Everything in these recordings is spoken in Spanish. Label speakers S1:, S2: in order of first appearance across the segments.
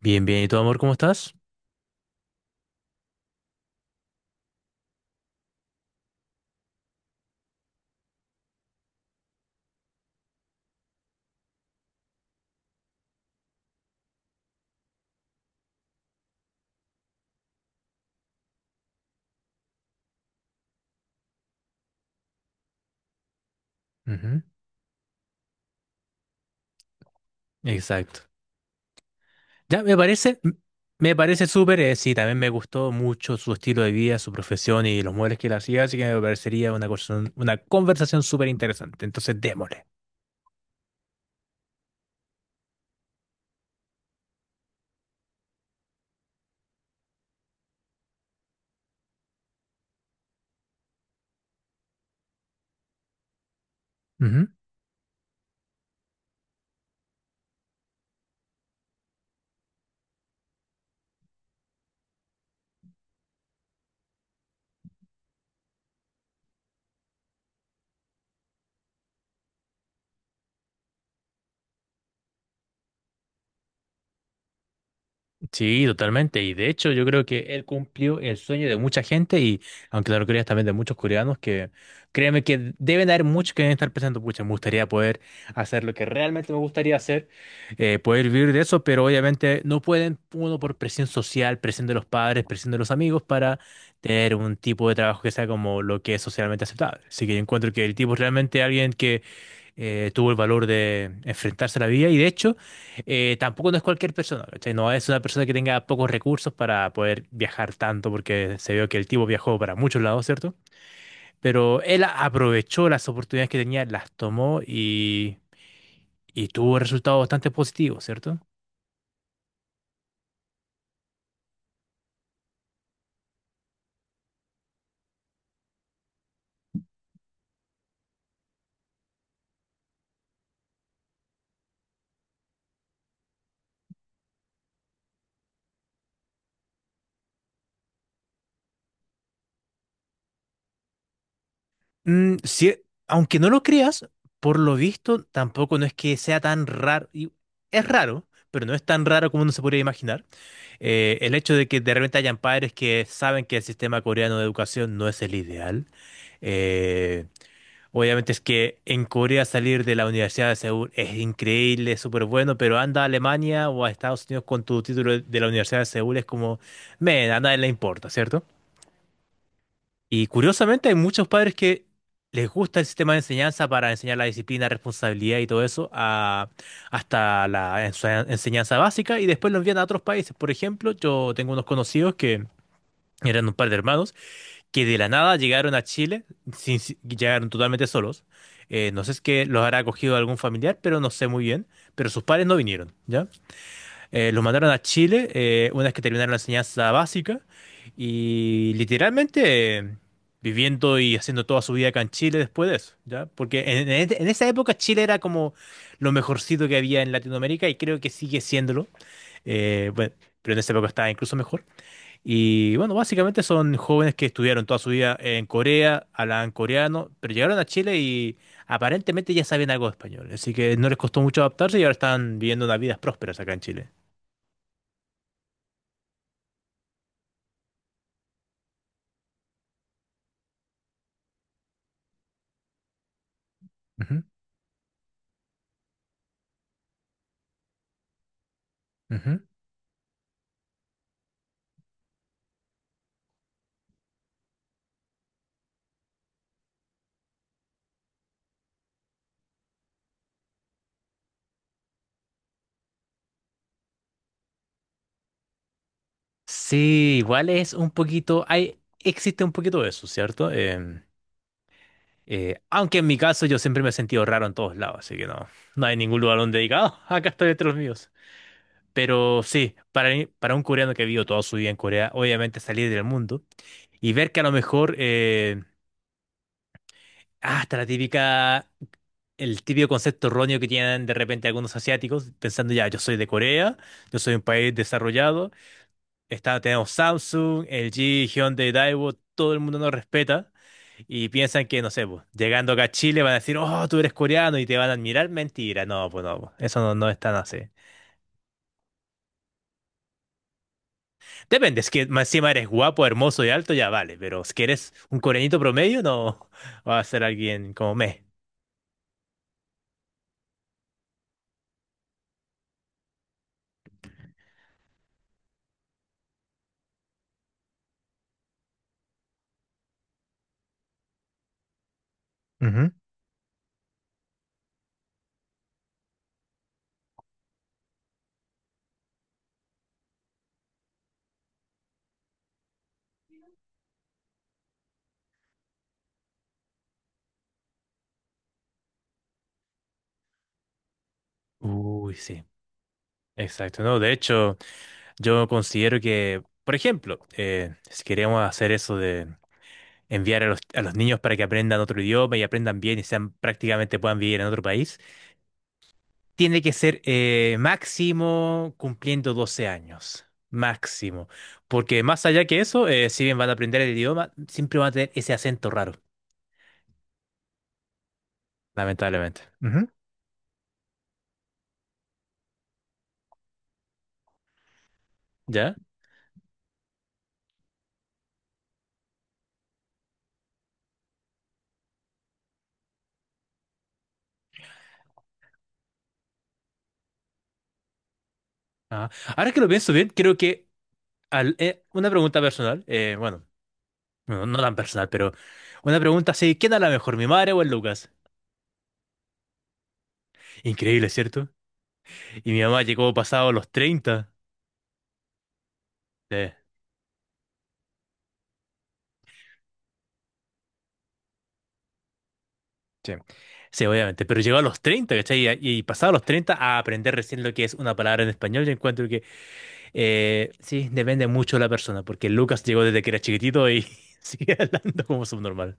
S1: Bien, bien. ¿Y tú, amor, cómo estás? Ujú. Exacto. Ya, me parece súper, sí, también me gustó mucho su estilo de vida, su profesión y los muebles que él hacía, así que me parecería una conversación súper interesante. Entonces, démosle. Sí, totalmente. Y de hecho, yo creo que él cumplió el sueño de mucha gente y, aunque claro, creas también de muchos coreanos que, créeme que deben haber muchos que deben estar pensando, pucha, me gustaría poder hacer lo que realmente me gustaría hacer, poder vivir de eso, pero obviamente no pueden, uno por presión social, presión de los padres, presión de los amigos, para tener un tipo de trabajo que sea como lo que es socialmente aceptable. Así que yo encuentro que el tipo es realmente alguien tuvo el valor de enfrentarse a la vida y de hecho tampoco no es cualquier persona, ¿cachai? No es una persona que tenga pocos recursos para poder viajar tanto porque se vio que el tipo viajó para muchos lados, ¿cierto? Pero él aprovechó las oportunidades que tenía, las tomó y tuvo resultados bastante positivos, ¿cierto? Sí, aunque no lo creas, por lo visto tampoco no es que sea tan raro. Es raro, pero no es tan raro como uno se podría imaginar. El hecho de que de repente hayan padres que saben que el sistema coreano de educación no es el ideal. Eh, Obviamente es que en Corea salir de la Universidad de Seúl es increíble, es súper bueno, pero anda a Alemania o a Estados Unidos con tu título de la Universidad de Seúl es como, men, a nadie le importa, ¿cierto? Y curiosamente hay muchos padres que les gusta el sistema de enseñanza para enseñar la disciplina, responsabilidad y todo eso hasta la enseñanza básica y después lo envían a otros países. Por ejemplo, yo tengo unos conocidos que eran un par de hermanos que de la nada llegaron a Chile, llegaron totalmente solos. No sé si es que los habrá acogido algún familiar, pero no sé muy bien. Pero sus padres no vinieron, los mandaron a Chile una vez que terminaron la enseñanza básica y literalmente, viviendo y haciendo toda su vida acá en Chile después de eso, ¿ya? Porque en esa época Chile era como lo mejorcito que había en Latinoamérica y creo que sigue siéndolo, bueno, pero en esa época estaba incluso mejor. Y bueno, básicamente son jóvenes que estudiaron toda su vida en Corea, hablaban coreano, pero llegaron a Chile y aparentemente ya saben algo de español, así que no les costó mucho adaptarse y ahora están viviendo unas vidas prósperas acá en Chile. Ujú. Sí, igual es un poquito, existe un poquito de eso, ¿cierto? Aunque en mi caso yo siempre me he sentido raro en todos lados, así que no, no hay ningún lugar donde diga, "Ah, acá estoy entre los míos." Pero sí, para un coreano que vivió toda su vida en Corea, obviamente salir del mundo y ver que a lo mejor, hasta el típico concepto erróneo que tienen de repente algunos asiáticos, pensando ya, yo soy de Corea, yo soy un país desarrollado. Está, tenemos Samsung, LG, Hyundai, Daewoo, todo el mundo nos respeta y piensan que, no sé, pues, llegando acá a Chile van a decir, oh, tú eres coreano y te van a admirar. Mentira, no, pues no, pues, eso no, no es tan así. Depende, si que más encima eres guapo, hermoso y alto, ya vale, pero si que eres un coreanito promedio, no va a ser alguien como me. Ujú. Uy, sí, exacto, ¿no? De hecho, yo considero que, por ejemplo, si queremos hacer eso, enviar a los niños para que aprendan otro idioma y aprendan bien y sean prácticamente puedan vivir en otro país, tiene que ser, máximo cumpliendo 12 años. Máximo. Porque más allá que eso, si bien van a aprender el idioma, siempre van a tener ese acento raro, lamentablemente. Ujú. ¿Ya? Ajá. Ahora que lo pienso bien, creo que una pregunta personal, bueno, no, no tan personal, pero una pregunta así, ¿quién habla mejor, mi madre o el Lucas? Increíble, ¿cierto? Y mi mamá llegó pasado los 30. Sí. Sí, sí, obviamente, pero llegó a los 30, ¿cachai? Y pasado los 30 a aprender recién lo que es una palabra en español, yo encuentro que, sí, depende mucho de la persona, porque Lucas llegó desde que era chiquitito y sigue hablando como subnormal.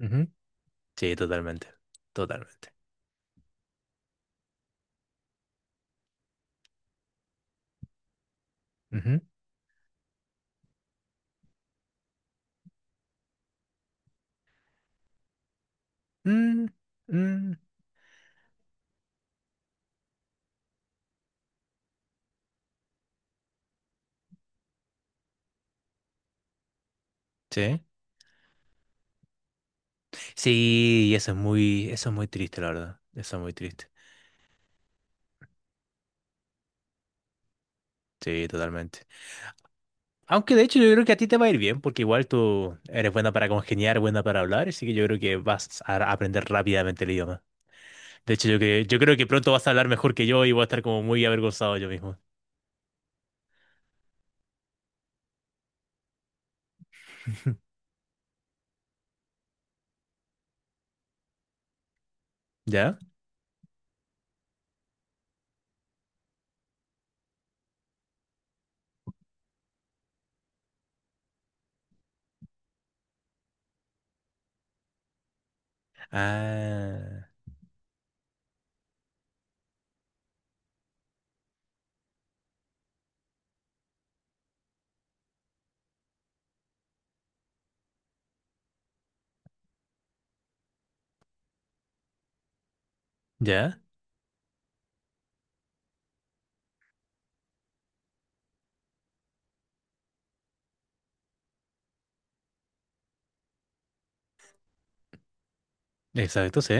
S1: Ujú. Sí, totalmente, totalmente. Ujú. Mm, mm, sí. Sí, y eso es muy triste, la verdad. Eso es muy triste. Sí, totalmente. Aunque de hecho yo creo que a ti te va a ir bien, porque igual tú eres buena para congeniar, buena para hablar, así que yo creo que vas a aprender rápidamente el idioma. De hecho, yo creo que pronto vas a hablar mejor que yo y voy a estar como muy avergonzado yo mismo. ¿Ya? Ah, ya. Exacto, sí.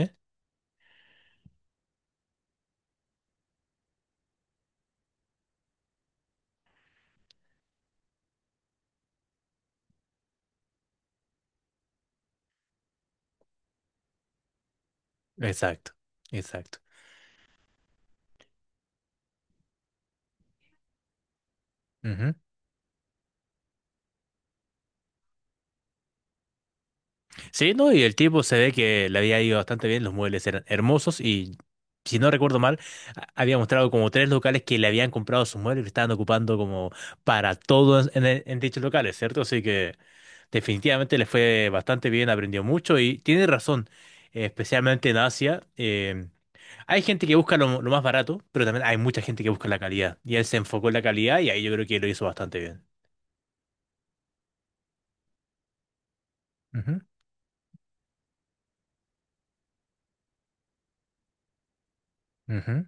S1: Exacto, exacto. Sí, no, y el tipo se ve que le había ido bastante bien, los muebles eran hermosos y si no recuerdo mal, había mostrado como tres locales que le habían comprado sus muebles y estaban ocupando como para todos en, en dichos locales, ¿cierto? Así que definitivamente le fue bastante bien, aprendió mucho y tiene razón, especialmente en Asia. Hay gente que busca lo más barato, pero también hay mucha gente que busca la calidad y él se enfocó en la calidad y ahí yo creo que lo hizo bastante bien. Ujú, ujú.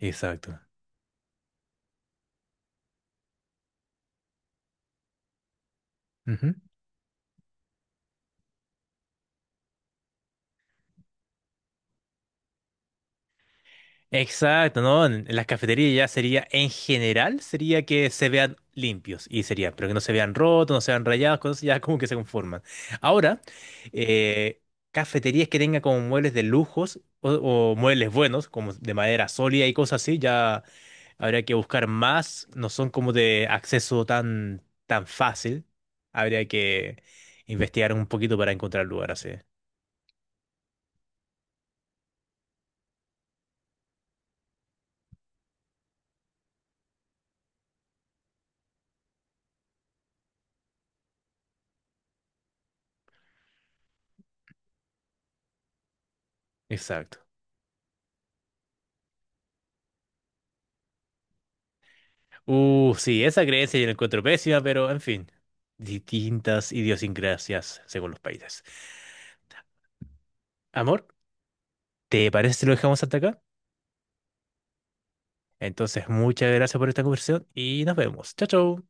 S1: Exacto. Exacto, ¿no? En las cafeterías ya sería, en general, sería que se vean limpios y sería, pero que no se vean rotos, no se vean rayados, cosas ya como que se conforman. Ahora, eh, cafeterías que tengan como muebles de lujos o muebles buenos, como de madera sólida y cosas así, ya habría que buscar más, no son como de acceso tan, tan fácil, habría que investigar un poquito para encontrar lugar así. Exacto. Sí, esa creencia yo la encuentro pésima, pero en fin, distintas idiosincrasias según los países. Amor, ¿te parece si lo dejamos hasta acá? Entonces, muchas gracias por esta conversación y nos vemos. Chao, chao.